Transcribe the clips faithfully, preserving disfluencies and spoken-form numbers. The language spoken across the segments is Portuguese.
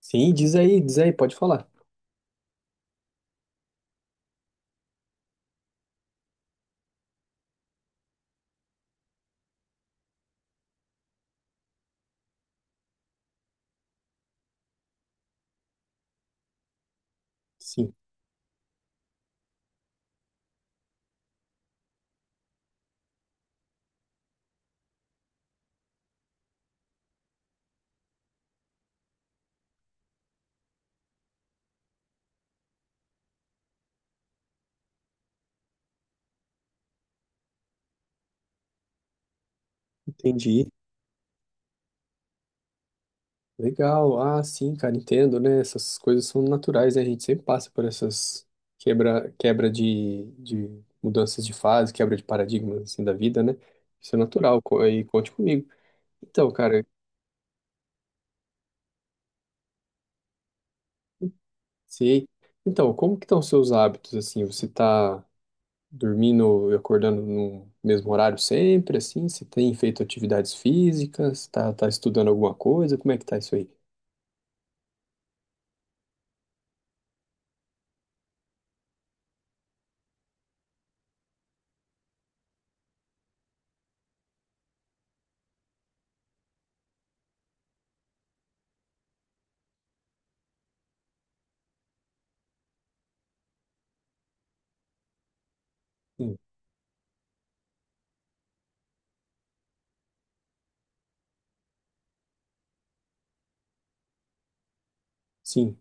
Sim, diz aí, diz aí, pode falar. Sim, entendi. Legal. Ah, sim, cara, entendo, né? Essas coisas são naturais, né? A gente sempre passa por essas quebra, quebra de, de mudanças de fase, quebra de paradigmas assim da vida, né? Isso é natural, co- aí conte comigo. Então, cara, sei. Então, como que estão os seus hábitos assim? Você tá dormindo e acordando no mesmo horário sempre assim? Você tem feito atividades físicas? Tá, tá estudando alguma coisa? Como é que tá isso aí? Sim. Sim.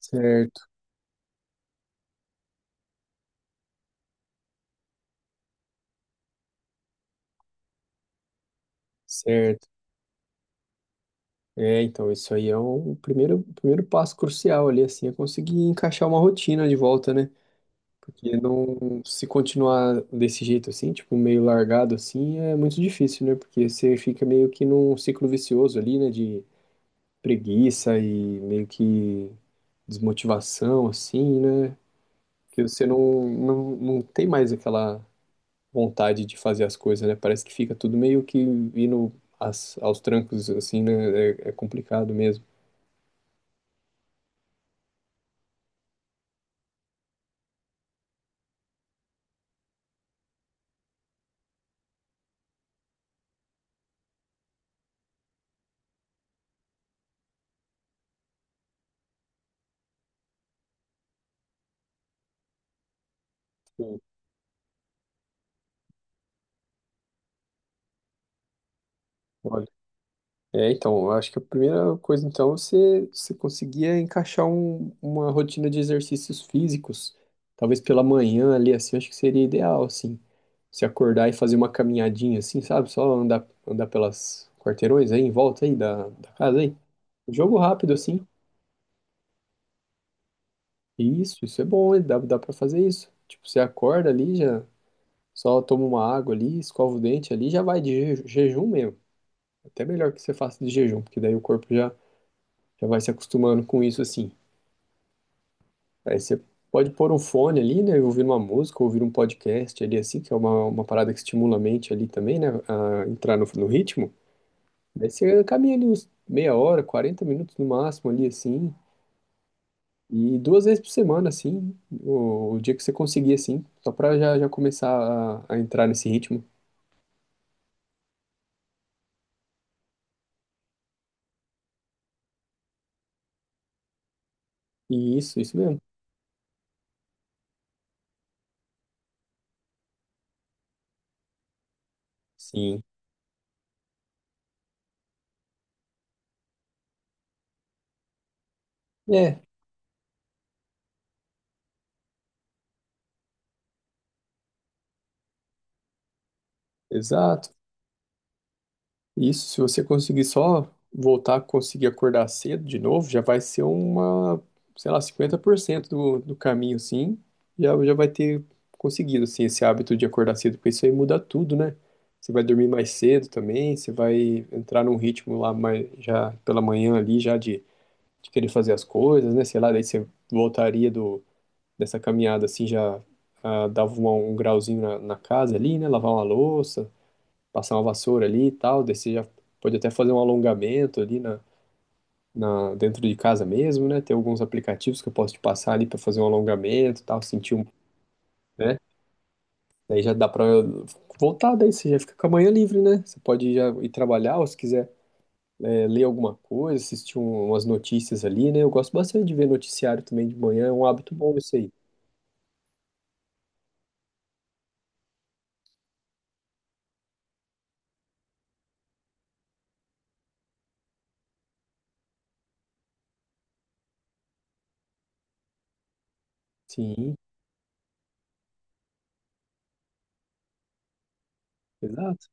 Certo. Certo. É, então, isso aí é um primeiro, o primeiro passo crucial ali, assim, é conseguir encaixar uma rotina de volta, né? Porque não, se continuar desse jeito assim, tipo, meio largado assim, é muito difícil, né? Porque você fica meio que num ciclo vicioso ali, né? De preguiça e meio que desmotivação, assim, né? Que você não, não, não tem mais aquela vontade de fazer as coisas, né? Parece que fica tudo meio que indo às- aos trancos, assim, né? É é complicado mesmo. Hum, Olha, é, então, eu acho que a primeira coisa, então, é você, você conseguia encaixar um- uma rotina de exercícios físicos, talvez pela manhã ali, assim, eu acho que seria ideal, assim, se acordar e fazer uma caminhadinha, assim, sabe, só andar, andar pelas quarteirões aí, em volta aí da, da casa aí, um jogo rápido, assim, isso, isso é bom, hein? Dá, dá pra fazer isso, tipo, você acorda ali, já só toma uma água ali, escova o dente ali, já vai de jeju- jejum mesmo, até melhor que você faça de jejum, porque daí o corpo já já vai se acostumando com isso assim. Aí você pode pôr um fone ali, né, e ouvir uma música, ouvir um podcast ali assim, que é uma, uma parada que estimula a mente ali também, né, a entrar no, no ritmo. Aí você caminha ali uns meia hora, quarenta minutos no máximo ali assim, e duas vezes por semana assim, o, o dia que você conseguir assim, só pra já, já começar a, a entrar nesse ritmo. E isso, isso mesmo. Sim. É, exato. Isso, se você conseguir só voltar a conseguir acordar cedo de novo, já vai ser uma, sei lá, cinquenta por cento do, do caminho, sim. Já, já vai ter conseguido, assim, esse hábito de acordar cedo, porque isso aí muda tudo, né? Você vai dormir mais cedo também, você vai entrar num ritmo lá mais, já pela manhã ali, já de, de querer fazer as coisas, né? Sei lá, daí você voltaria do, dessa caminhada, assim, já ah, dava uma- um grauzinho na, na casa ali, né? Lavar uma louça, passar uma vassoura ali e tal, daí você já pode até fazer um alongamento ali na, na, dentro de casa mesmo, né? Tem alguns aplicativos que eu posso te passar ali para fazer um alongamento e tal, sentir um, né? Daí já dá para voltar, daí você já fica com a manhã livre, né? Você pode já ir trabalhar ou se quiser é, ler alguma coisa, assistir um- umas notícias ali, né? Eu gosto bastante de ver noticiário também de manhã, é um hábito bom isso aí. Sim, exato.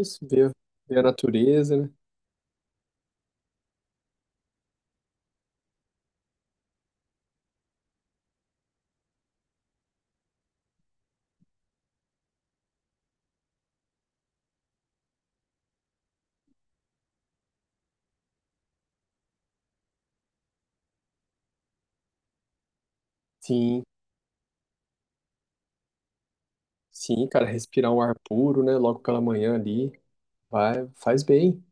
Isso, ver, ver a natureza, né? Sim, sim, cara, respirar um ar puro, né? Logo pela manhã ali. Vai, faz bem,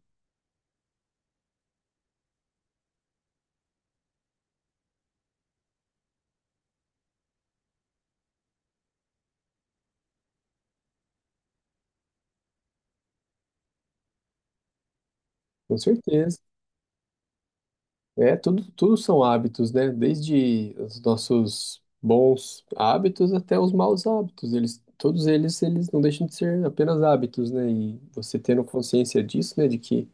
com certeza. É, tudo, tudo são hábitos, né? Desde os nossos bons hábitos até os maus hábitos. Eles, todos eles, eles não deixam de ser apenas hábitos, né? E você tendo consciência disso, né? De que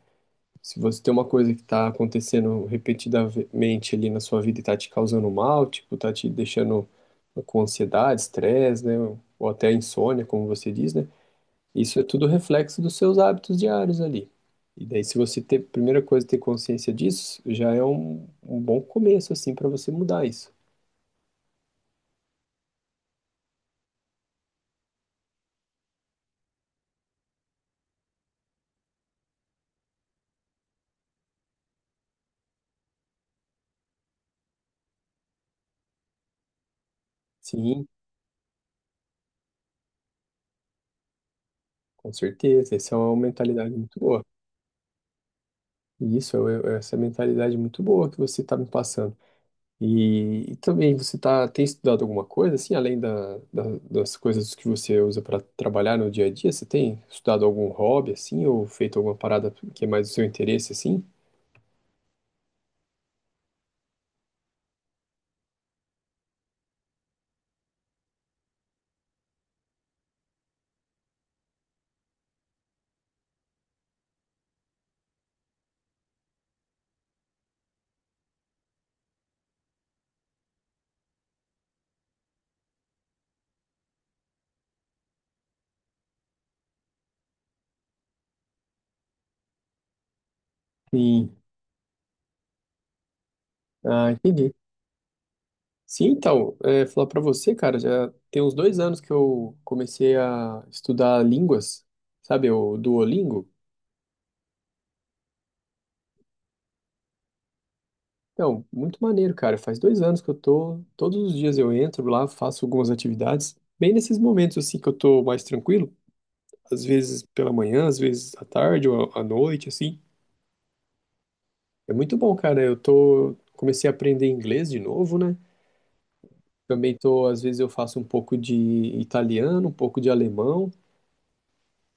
se você tem uma coisa que está acontecendo repetidamente ali na sua vida e está te causando mal, tipo, tá te deixando com ansiedade, estresse, né? Ou até insônia, como você diz, né? Isso é tudo reflexo dos seus hábitos diários ali. E daí, se você ter, primeira coisa, ter consciência disso, já é um, um bom começo, assim, para você mudar isso. Sim, com certeza. Essa é uma mentalidade muito boa. E isso, é é essa mentalidade muito boa que você está me passando. E, e também, você tá, tem estudado alguma coisa, assim, além da, da- das coisas que você usa para trabalhar no dia a dia? Você tem estudado algum hobby, assim, ou feito alguma parada que é mais do seu interesse, assim? Sim. Ah, entendi. Sim, então, é, falar pra você, cara, já tem uns dois anos que eu comecei a estudar línguas, sabe, o Duolingo. Então, muito maneiro, cara. Faz dois anos que eu tô, todos os dias eu entro lá, faço algumas atividades, bem nesses momentos, assim, que eu tô mais tranquilo, às vezes pela manhã, às vezes à tarde ou à à noite, assim. É muito bom, cara. Eu tô, comecei a aprender inglês de novo, né? Também tô, às vezes eu faço um pouco de italiano, um pouco de alemão.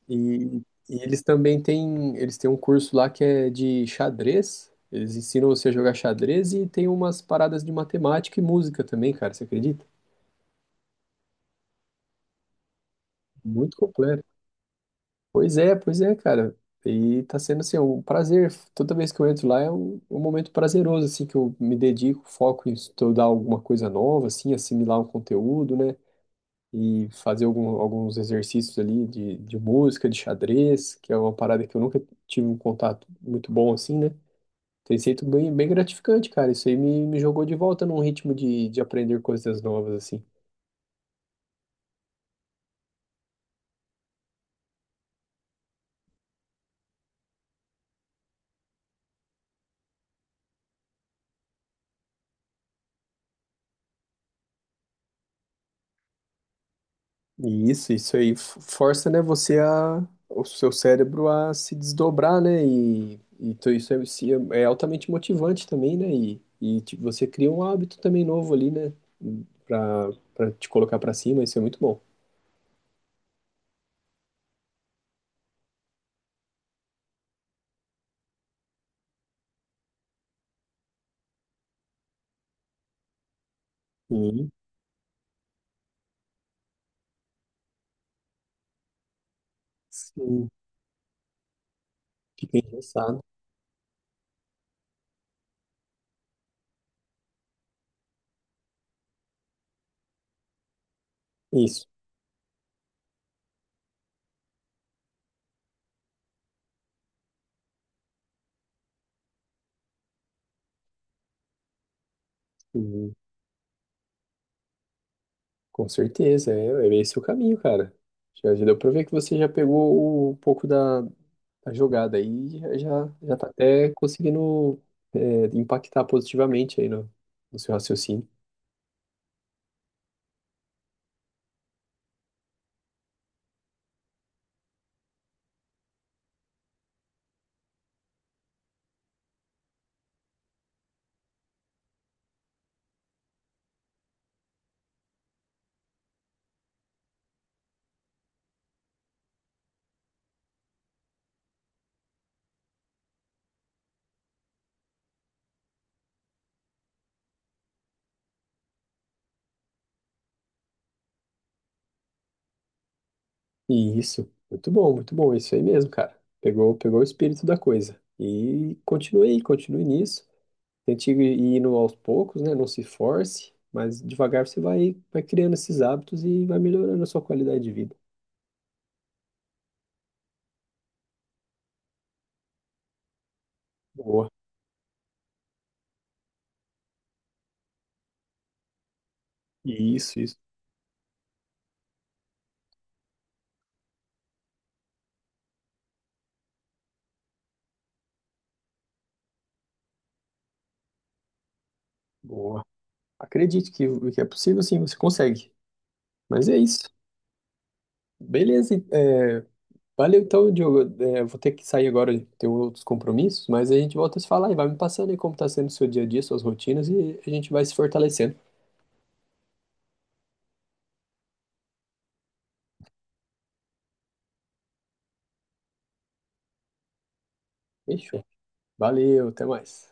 E, e eles também têm, eles têm um curso lá que é de xadrez. Eles ensinam você a jogar xadrez e tem umas paradas de matemática e música também, cara. Você acredita? Muito completo. Pois é, pois é, cara. E tá sendo assim, é um prazer. Toda vez que eu entro lá é um, um momento prazeroso, assim, que eu me dedico, foco em estudar alguma coisa nova, assim, assimilar um conteúdo, né? E fazer algum, alguns exercícios ali de, de música, de xadrez, que é uma parada que eu nunca tive um contato muito bom, assim, né? Tem sido bem, bem gratificante, cara. Isso aí me, me jogou de volta num ritmo de, de aprender coisas novas, assim. E isso, isso aí f- força, né, você a, o seu cérebro a se desdobrar, né? E, e tu- isso é, se- é altamente motivante também, né? E, e tipo, você cria um hábito também novo ali, né? Pra, pra te colocar pra cima, isso é muito bom. E, sim, fica engraçado. Isso. Uhum. Com certeza, é, é esse o caminho, cara. Já, já deu pra ver que você já pegou o- um pouco da, da jogada aí e já, já já tá até conseguindo é, impactar positivamente aí no, no seu raciocínio. E isso, muito bom, muito bom, isso aí mesmo, cara. Pegou, pegou o espírito da coisa. E continue aí, continue nisso. Tente ir ir indo aos poucos, né? Não se force, mas devagar você vai, vai criando esses hábitos e vai melhorando a sua qualidade de vida. Boa. Isso, isso. Boa. Acredite que, que é possível, sim, você consegue. Mas é isso. Beleza. É, valeu então, Diogo. É, vou ter que sair agora, tenho outros compromissos, mas a gente volta a se falar e vai me passando aí como está sendo o seu dia a dia, suas rotinas, e a gente vai se fortalecendo. Fechou. Valeu, até mais.